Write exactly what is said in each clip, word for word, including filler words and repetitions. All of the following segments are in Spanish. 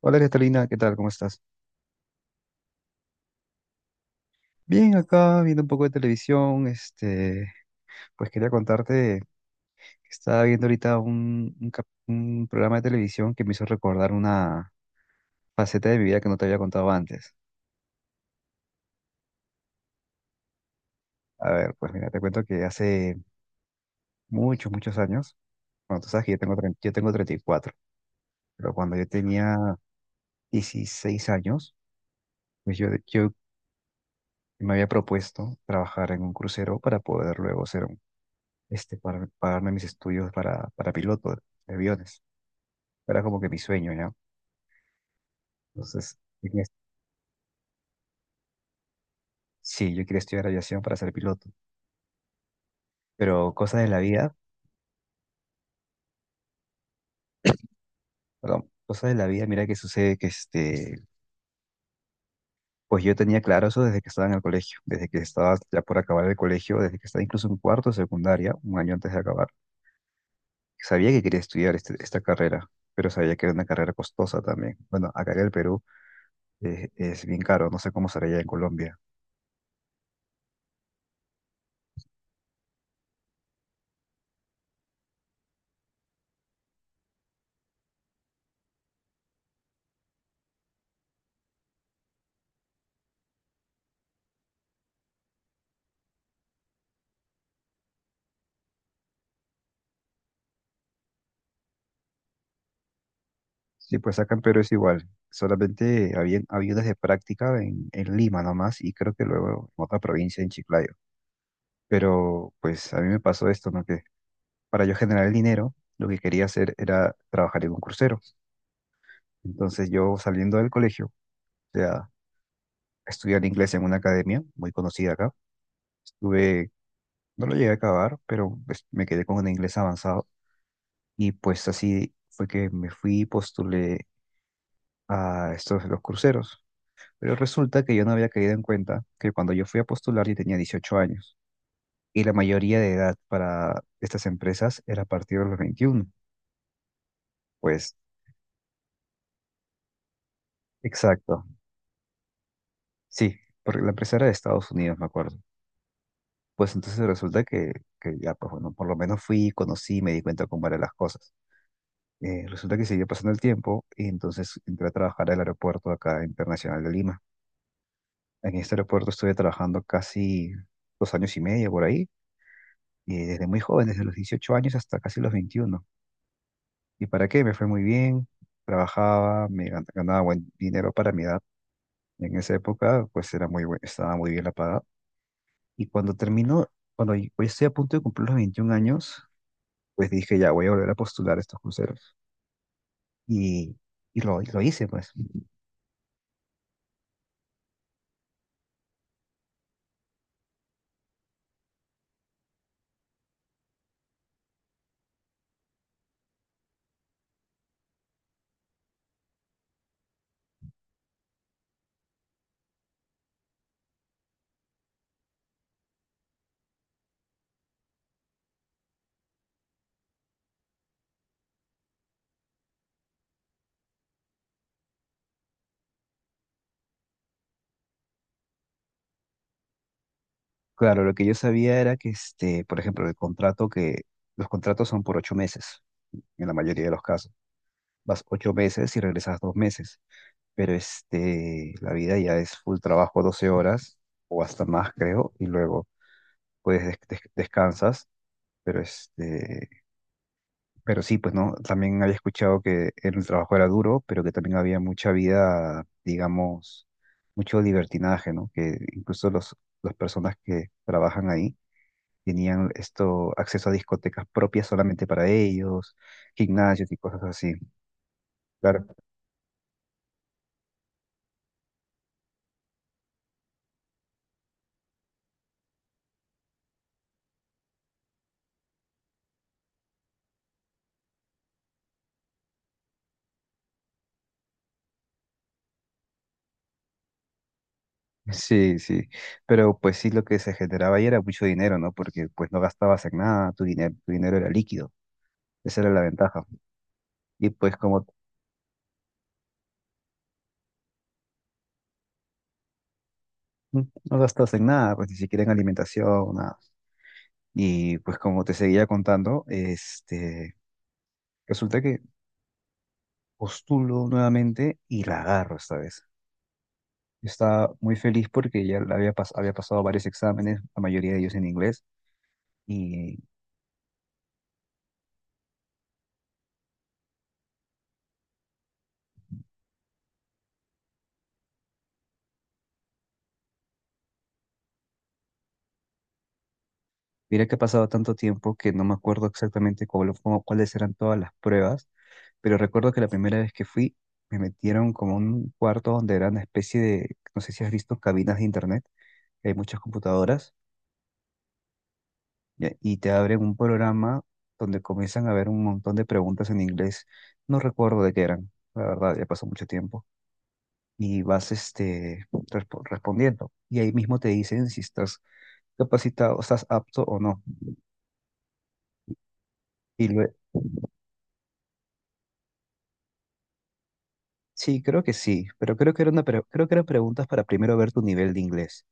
Hola Catalina, ¿qué tal? ¿Cómo estás? Bien, acá viendo un poco de televisión, este, pues quería contarte que estaba viendo ahorita un, un cap- un programa de televisión que me hizo recordar una faceta de mi vida que no te había contado antes. A ver, pues mira, te cuento que hace muchos, muchos años, bueno, tú sabes que yo tengo, tre- yo tengo treinta y cuatro. Pero cuando yo tenía dieciséis años, pues yo, yo me había propuesto trabajar en un crucero para poder luego ser un, este, para pagarme mis estudios para, para piloto de aviones. Era como que mi sueño, ¿no? Entonces, yo quería- sí, yo quería estudiar aviación para ser piloto, pero cosas de la vida, perdón, cosas de la vida, mira que sucede que este, pues yo tenía claro eso desde que estaba en el colegio, desde que estaba ya por acabar el colegio, desde que estaba incluso en cuarto de secundaria, un año antes de acabar, sabía que quería estudiar este- esta carrera. Pero sabía que era una carrera costosa también. Bueno, acá en el Perú eh, es bien caro, no sé cómo será allá en Colombia. Sí, pues acá en Perú es igual. Solamente había, había unas de práctica en, en Lima nomás y creo que luego en otra provincia, en Chiclayo. Pero pues a mí me pasó esto, ¿no? Que para yo generar el dinero, lo que quería hacer era trabajar en un crucero. Entonces yo saliendo del colegio, o sea, estudiar inglés en una academia muy conocida acá. Estuve, no lo llegué a acabar, pero pues, me quedé con un inglés avanzado. Y pues así fue que me fui y postulé a estos, los cruceros. Pero resulta que yo no había caído en cuenta que cuando yo fui a postular yo tenía dieciocho años y la mayoría de edad para estas empresas era a partir de los veintiuno. Pues, exacto. Sí, porque la empresa era de Estados Unidos, me acuerdo. Pues entonces resulta que, que ya, pues bueno, por lo menos fui, conocí, me di cuenta cómo eran las cosas. Eh, resulta que siguió pasando el tiempo y entonces entré a trabajar al aeropuerto acá internacional de Lima. En este aeropuerto estuve trabajando casi dos años y medio por ahí, y desde muy joven, desde los dieciocho años hasta casi los veintiuno. ¿Y para qué? Me fue muy bien, trabajaba, me gan- ganaba buen dinero para mi edad. En esa época, pues era muy buen- estaba muy bien la paga. Y cuando terminó, cuando y- pues, estoy a punto de cumplir los veintiún años, pues dije, ya, voy a volver a postular a estos cruceros. Y, y lo, y lo hice, pues. Claro, lo que yo sabía era que, este, por ejemplo, el contrato que, los contratos son por ocho meses, en la mayoría de los casos. Vas ocho meses y regresas dos meses. Pero este, la vida ya es full trabajo doce horas o hasta más, creo, y luego pues des- des- descansas, pero este, pero sí, pues no, también había escuchado que el trabajo era duro, pero que también había mucha vida, digamos, mucho libertinaje, ¿no? Que incluso los, las personas que trabajan ahí tenían esto, acceso a discotecas propias solamente para ellos, gimnasios y cosas así. Claro. Sí, sí, pero pues sí lo que se generaba ahí era mucho dinero, ¿no? Porque pues no gastabas en nada, tu dinero, tu dinero era líquido, esa era la ventaja. Y pues como mm, no gastabas en nada, pues ni siquiera en alimentación, nada. Y pues como te seguía contando, este, resulta que postulo nuevamente y la agarro esta vez. Yo estaba muy feliz porque ya la había, pas- había pasado varios exámenes, la mayoría de ellos en inglés, y mira que ha pasado tanto tiempo que no me acuerdo exactamente cuál- cómo- cuáles eran todas las pruebas. Pero recuerdo que la primera vez que fui, me metieron como a un cuarto donde era una especie de, no sé si has visto cabinas de internet, que hay muchas computadoras, ya, y te abren un programa donde comienzan a ver un montón de preguntas en inglés. No recuerdo de qué eran, la verdad, ya pasó mucho tiempo. Y vas este, respo- respondiendo. Y ahí mismo te dicen si estás capacitado, estás apto o no. Y lue- sí, creo que sí, pero creo que era una pre- creo que eran preguntas para primero ver tu nivel de inglés.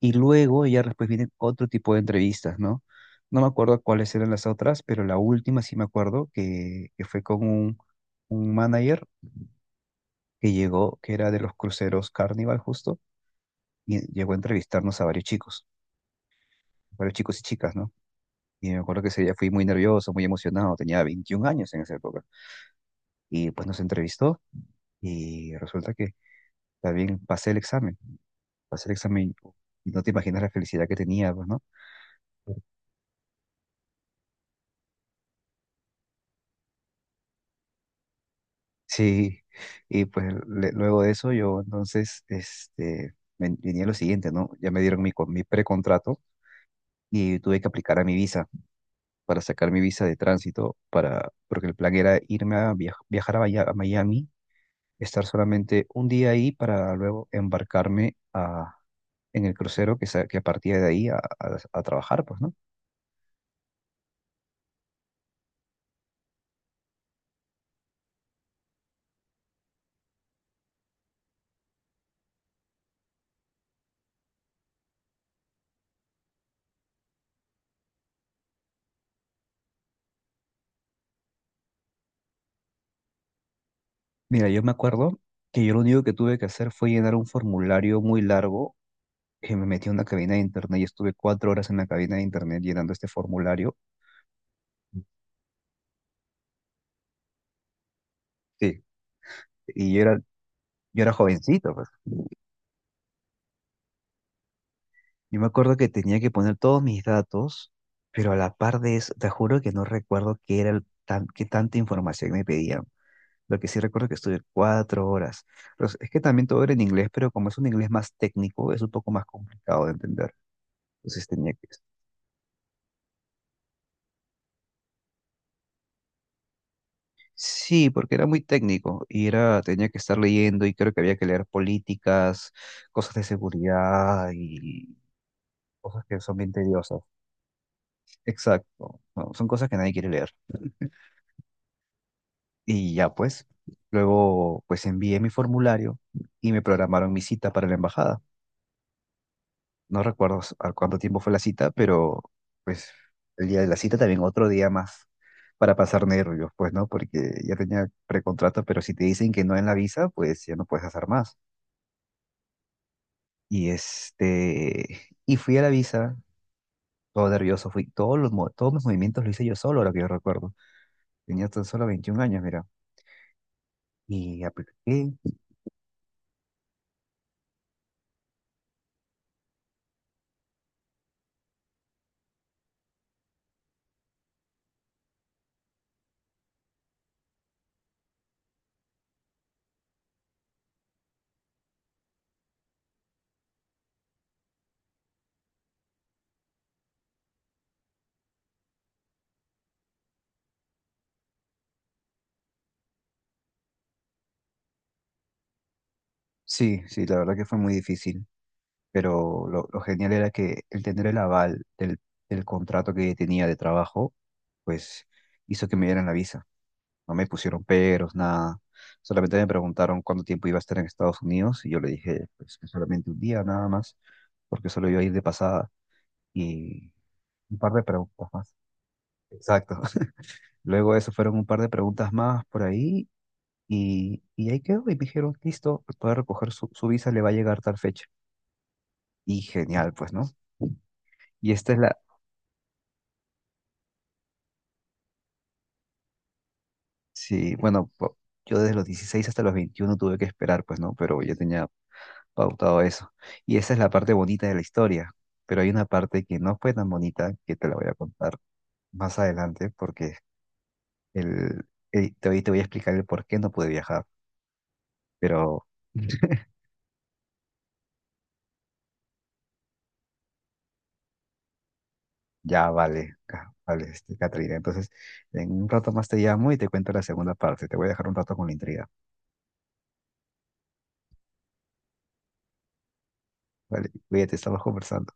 Y luego ya después vienen otro tipo de entrevistas, ¿no? No me acuerdo cuáles eran las otras, pero la última sí me acuerdo que, que fue con un, un manager que llegó, que era de los cruceros Carnival justo, y llegó a entrevistarnos a varios chicos, varios chicos y chicas, ¿no? Y me acuerdo que ese día fui muy nervioso, muy emocionado, tenía veintiún años en esa época. Y pues nos entrevistó y resulta que también pasé el examen, pasé el examen y no te imaginas la felicidad que tenía, pues, ¿no? Sí, y pues le- luego de eso yo entonces este, ven- venía lo siguiente, ¿no? Ya me dieron mi, con- mi precontrato y tuve que aplicar a mi visa para sacar mi visa de tránsito, para, porque el plan era irme a viaj- viajar a, Maya- a Miami, estar solamente un día ahí para luego embarcarme a, en el crucero que, sa- que partía de ahí a, a- a trabajar, pues, ¿no? Mira, yo me acuerdo que yo lo único que tuve que hacer fue llenar un formulario muy largo que me metí a una cabina de internet y estuve cuatro horas en la cabina de internet llenando este formulario. Sí. Y yo era, yo era jovencito, pues. Yo me acuerdo que tenía que poner todos mis datos, pero a la par de eso, te juro que no recuerdo qué era el tan, qué tanta información me pedían. Lo que sí recuerdo que estuve cuatro horas. Pero es que también todo era en inglés, pero como es un inglés más técnico, es un poco más complicado de entender. Entonces tenía que, sí, porque era muy técnico y era, tenía que estar leyendo y creo que había que leer políticas, cosas de seguridad y cosas que son bien tediosas. Exacto. No, son cosas que nadie quiere leer. Y ya pues, luego pues envié mi formulario y me programaron mi cita para la embajada. No recuerdo s- a cuánto tiempo fue la cita, pero pues el día de la cita también otro día más para pasar nervios, pues, ¿no? Porque ya tenía precontrato, pero si te dicen que no en la visa, pues ya no puedes hacer más. Y este, y fui a la visa, todo nervioso, fui, todos los, mo- todos mis movimientos lo hice yo solo, ahora que yo recuerdo. Tenía tan solo veintiún años, mira. Y apliqué. Sí, sí, la verdad que fue muy difícil, pero lo, lo genial era que el tener el aval del, del contrato que tenía de trabajo, pues hizo que me dieran la visa. No me pusieron peros, nada. Solamente me preguntaron cuánto tiempo iba a estar en Estados Unidos y yo le dije, pues que solamente un día nada más, porque solo iba a ir de pasada. Y un par de preguntas más. Exacto. Luego eso fueron un par de preguntas más por ahí y, y ahí quedó y me dijeron, listo, puede recoger su, su visa, le va a llegar tal fecha. Y genial, pues, ¿no? Y esta es la, sí, bueno, po- yo desde los dieciséis hasta los veintiuno tuve que esperar, pues, ¿no? Pero yo tenía pautado eso. Y esa es la parte bonita de la historia, pero hay una parte que no fue tan bonita que te la voy a contar más adelante porque el, el- te, voy- te voy a explicar el por qué no pude viajar, pero... Ya, vale, ca- vale, este, Catrina. Entonces, en un rato más te llamo y te cuento la segunda parte. Te voy a dejar un rato con la intriga. Vale, cuídate, estamos conversando.